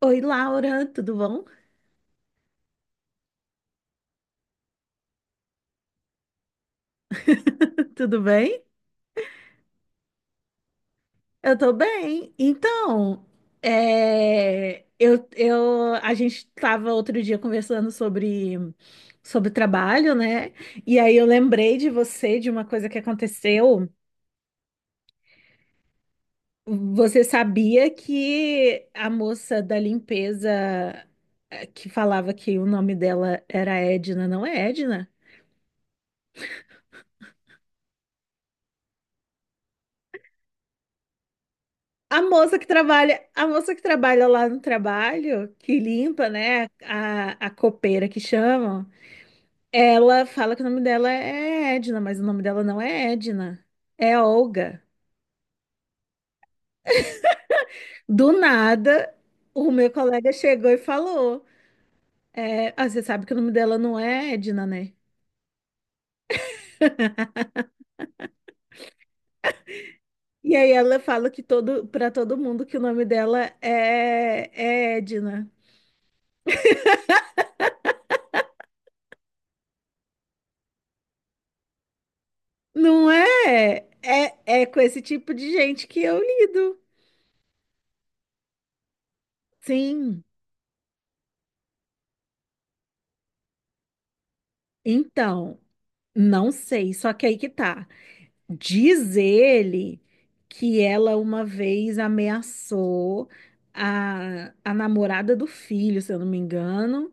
Oi, Laura, tudo bom? Tudo bem? Eu tô bem. Então, eu, a gente tava outro dia conversando sobre trabalho, né? E aí eu lembrei de você, de uma coisa que aconteceu. Você sabia que a moça da limpeza que falava que o nome dela era Edna, não é Edna? A moça que trabalha, lá no trabalho, que limpa, né, a copeira que chamam, ela fala que o nome dela é Edna, mas o nome dela não é Edna, é Olga. Do nada, o meu colega chegou e falou, você sabe que o nome dela não é Edna, né? E aí ela fala que para todo mundo que o nome dela é Edna. Não é, é com esse tipo de gente que eu lido. Sim. Então, não sei, só que aí que tá. Diz ele que ela uma vez ameaçou a namorada do filho, se eu não me engano.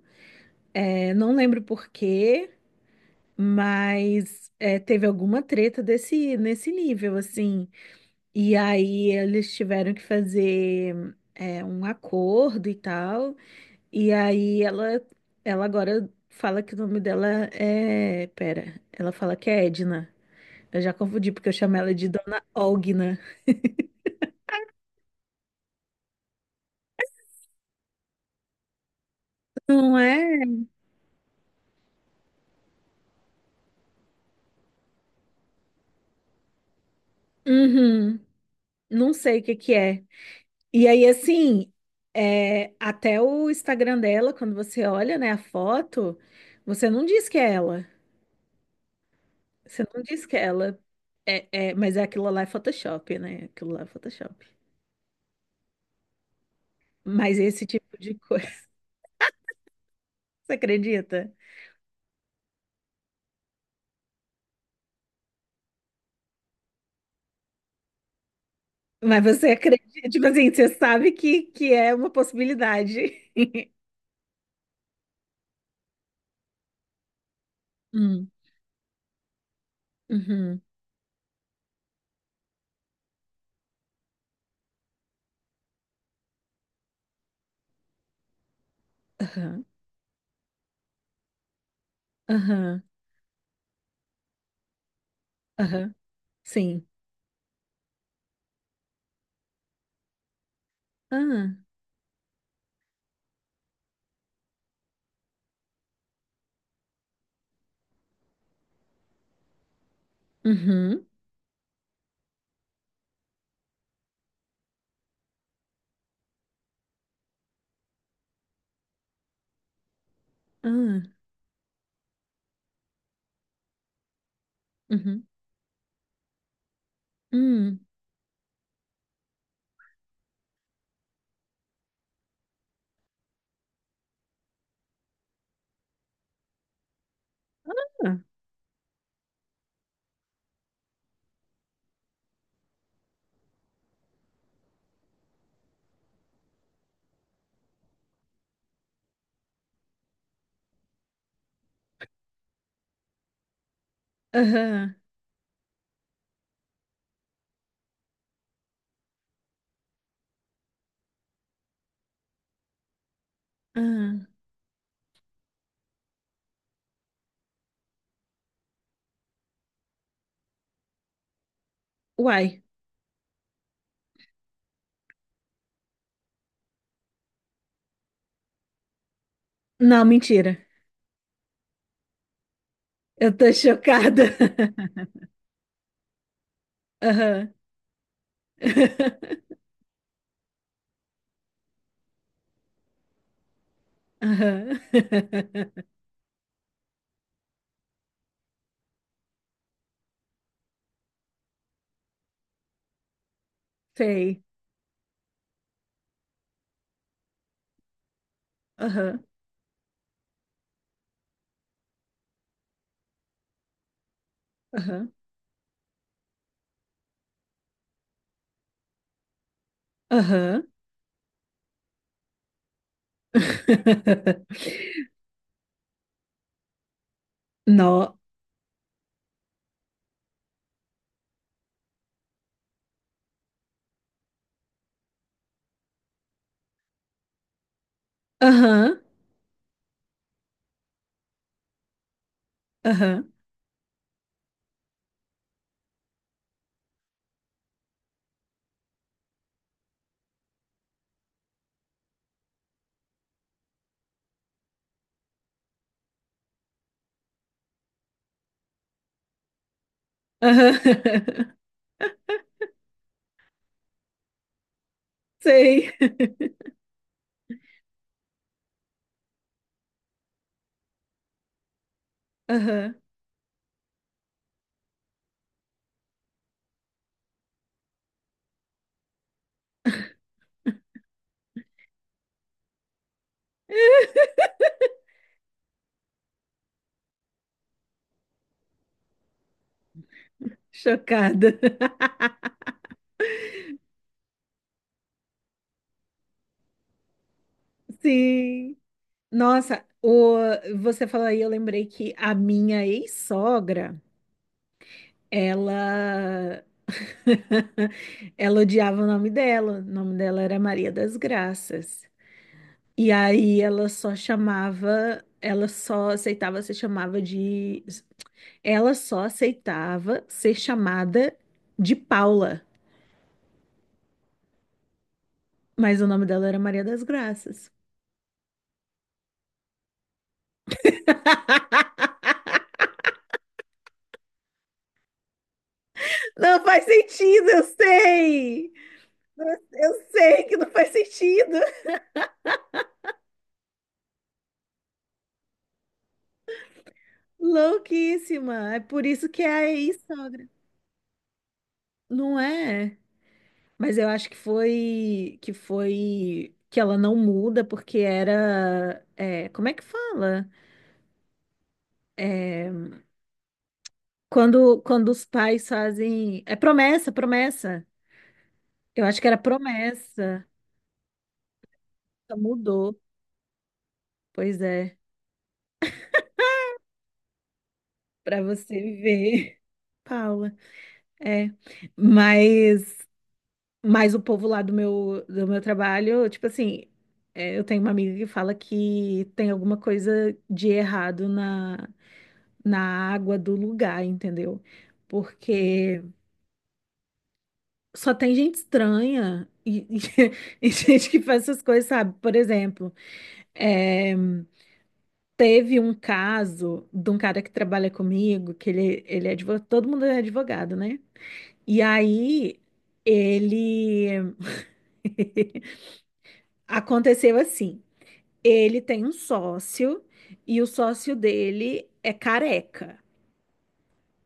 É, não lembro por quê, mas teve alguma treta nesse nível, assim. E aí eles tiveram que fazer um acordo e tal. E aí ela agora fala que o nome dela é. Pera, ela fala que é Edna. Eu já confundi porque eu chamo ela de Dona Ogna. Não é? Uhum. Não sei o que que é. E aí, assim, até o Instagram dela, quando você olha, né, a foto, você não diz que é ela. Você não diz que é ela. Mas é aquilo lá é Photoshop, né? Aquilo lá é Photoshop. Mas esse tipo de coisa, você acredita? Mas você acredita, tipo assim, você sabe que é uma possibilidade. Hum, uhum, aham, aham, aham, sim. Ah, uhum, ah, uhum, hum, ah, aham, ah. Uai, não, mentira. Eu tô chocada. Aham, aham, sei, aham, aham, aham. Nó, aham, aham, aham, sei, aham, chocada. Sim. Nossa, você falou aí, eu lembrei que a minha ex-sogra, ela ela odiava o nome dela. O nome dela era Maria das Graças. E aí ela só chamava, ela só aceitava ser chamada de Paula, mas o nome dela era Maria das Graças. Não faz sentido, eu sei. Eu sei que não faz sentido. Louquíssima. É por isso que é a ex-sogra. Não é? Mas eu acho que foi que foi que ela não muda porque era como é que fala? É, quando os pais fazem promessa, promessa. Eu acho que era promessa. Ela mudou. Pois é, para você ver. Paula. É, mas mas o povo lá do meu trabalho, tipo assim, eu tenho uma amiga que fala que tem alguma coisa de errado na água do lugar, entendeu? Porque só tem gente estranha e e gente que faz essas coisas, sabe? Por exemplo, é, teve um caso de um cara que trabalha comigo, que ele é advogado, todo mundo é advogado, né? E aí ele aconteceu assim. Ele tem um sócio e o sócio dele é careca.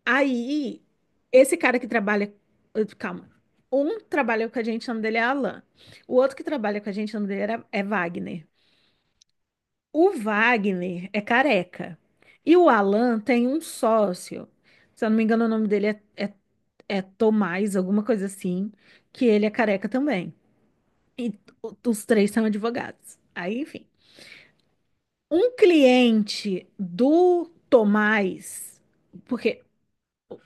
Aí, esse cara que trabalha. Calma. Um trabalha com a gente, o nome dele é Alan. O outro que trabalha com a gente, o nome dele era- é Wagner. O Wagner é careca. E o Alan tem um sócio. Se eu não me engano, o nome é Tomás, alguma coisa assim, que ele é careca também. E t- os três são advogados. Aí, enfim. Um cliente do Tomás, porque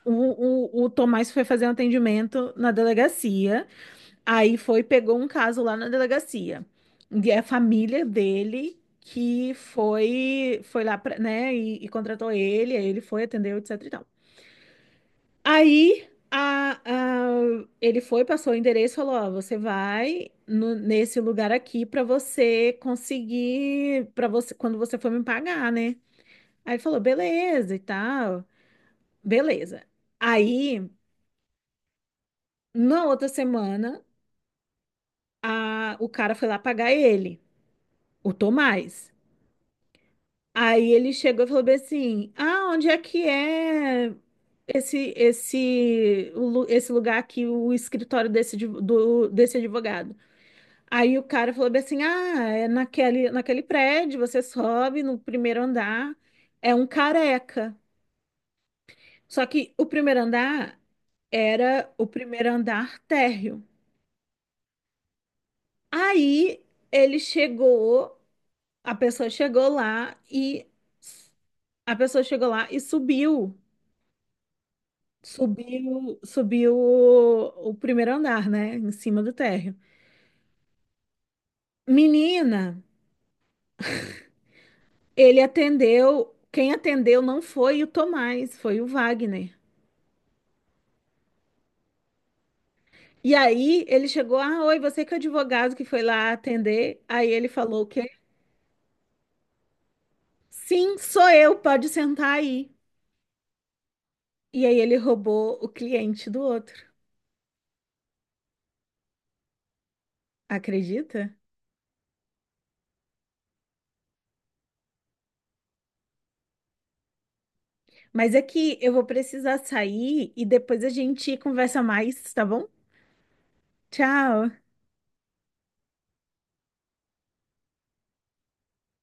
o Tomás foi fazer um atendimento na delegacia, aí foi, pegou um caso lá na delegacia. E é a família dele que foi, foi lá, pra, né, e contratou ele, aí ele foi, atendeu, etc e tal. Aí a, a- Ele foi, passou o endereço, falou: Ó, você vai nesse lugar aqui para você conseguir, para você, quando você for me pagar, né? Aí ele falou, beleza e tal, beleza. Aí, na outra semana, o cara foi lá pagar ele, o Tomás. Aí ele chegou e falou bem assim: Ah, onde é que é esse lugar aqui, o escritório desse advogado? Aí o cara falou bem assim: Ah, é naquele prédio, você sobe no primeiro andar, é um careca. Só que o primeiro andar era o primeiro andar térreo. Aí ele chegou, a pessoa chegou lá e a pessoa chegou lá e subiu, subiu o primeiro andar, né, em cima do térreo. Menina, ele atendeu, quem atendeu não foi o Tomás, foi o Wagner. E aí ele chegou, ah, oi, você que é o advogado que foi lá atender. Aí ele falou o quê? Sim, sou eu, pode sentar aí. E aí ele roubou o cliente do outro. Acredita? Mas é que eu vou precisar sair e depois a gente conversa mais, tá bom? Tchau.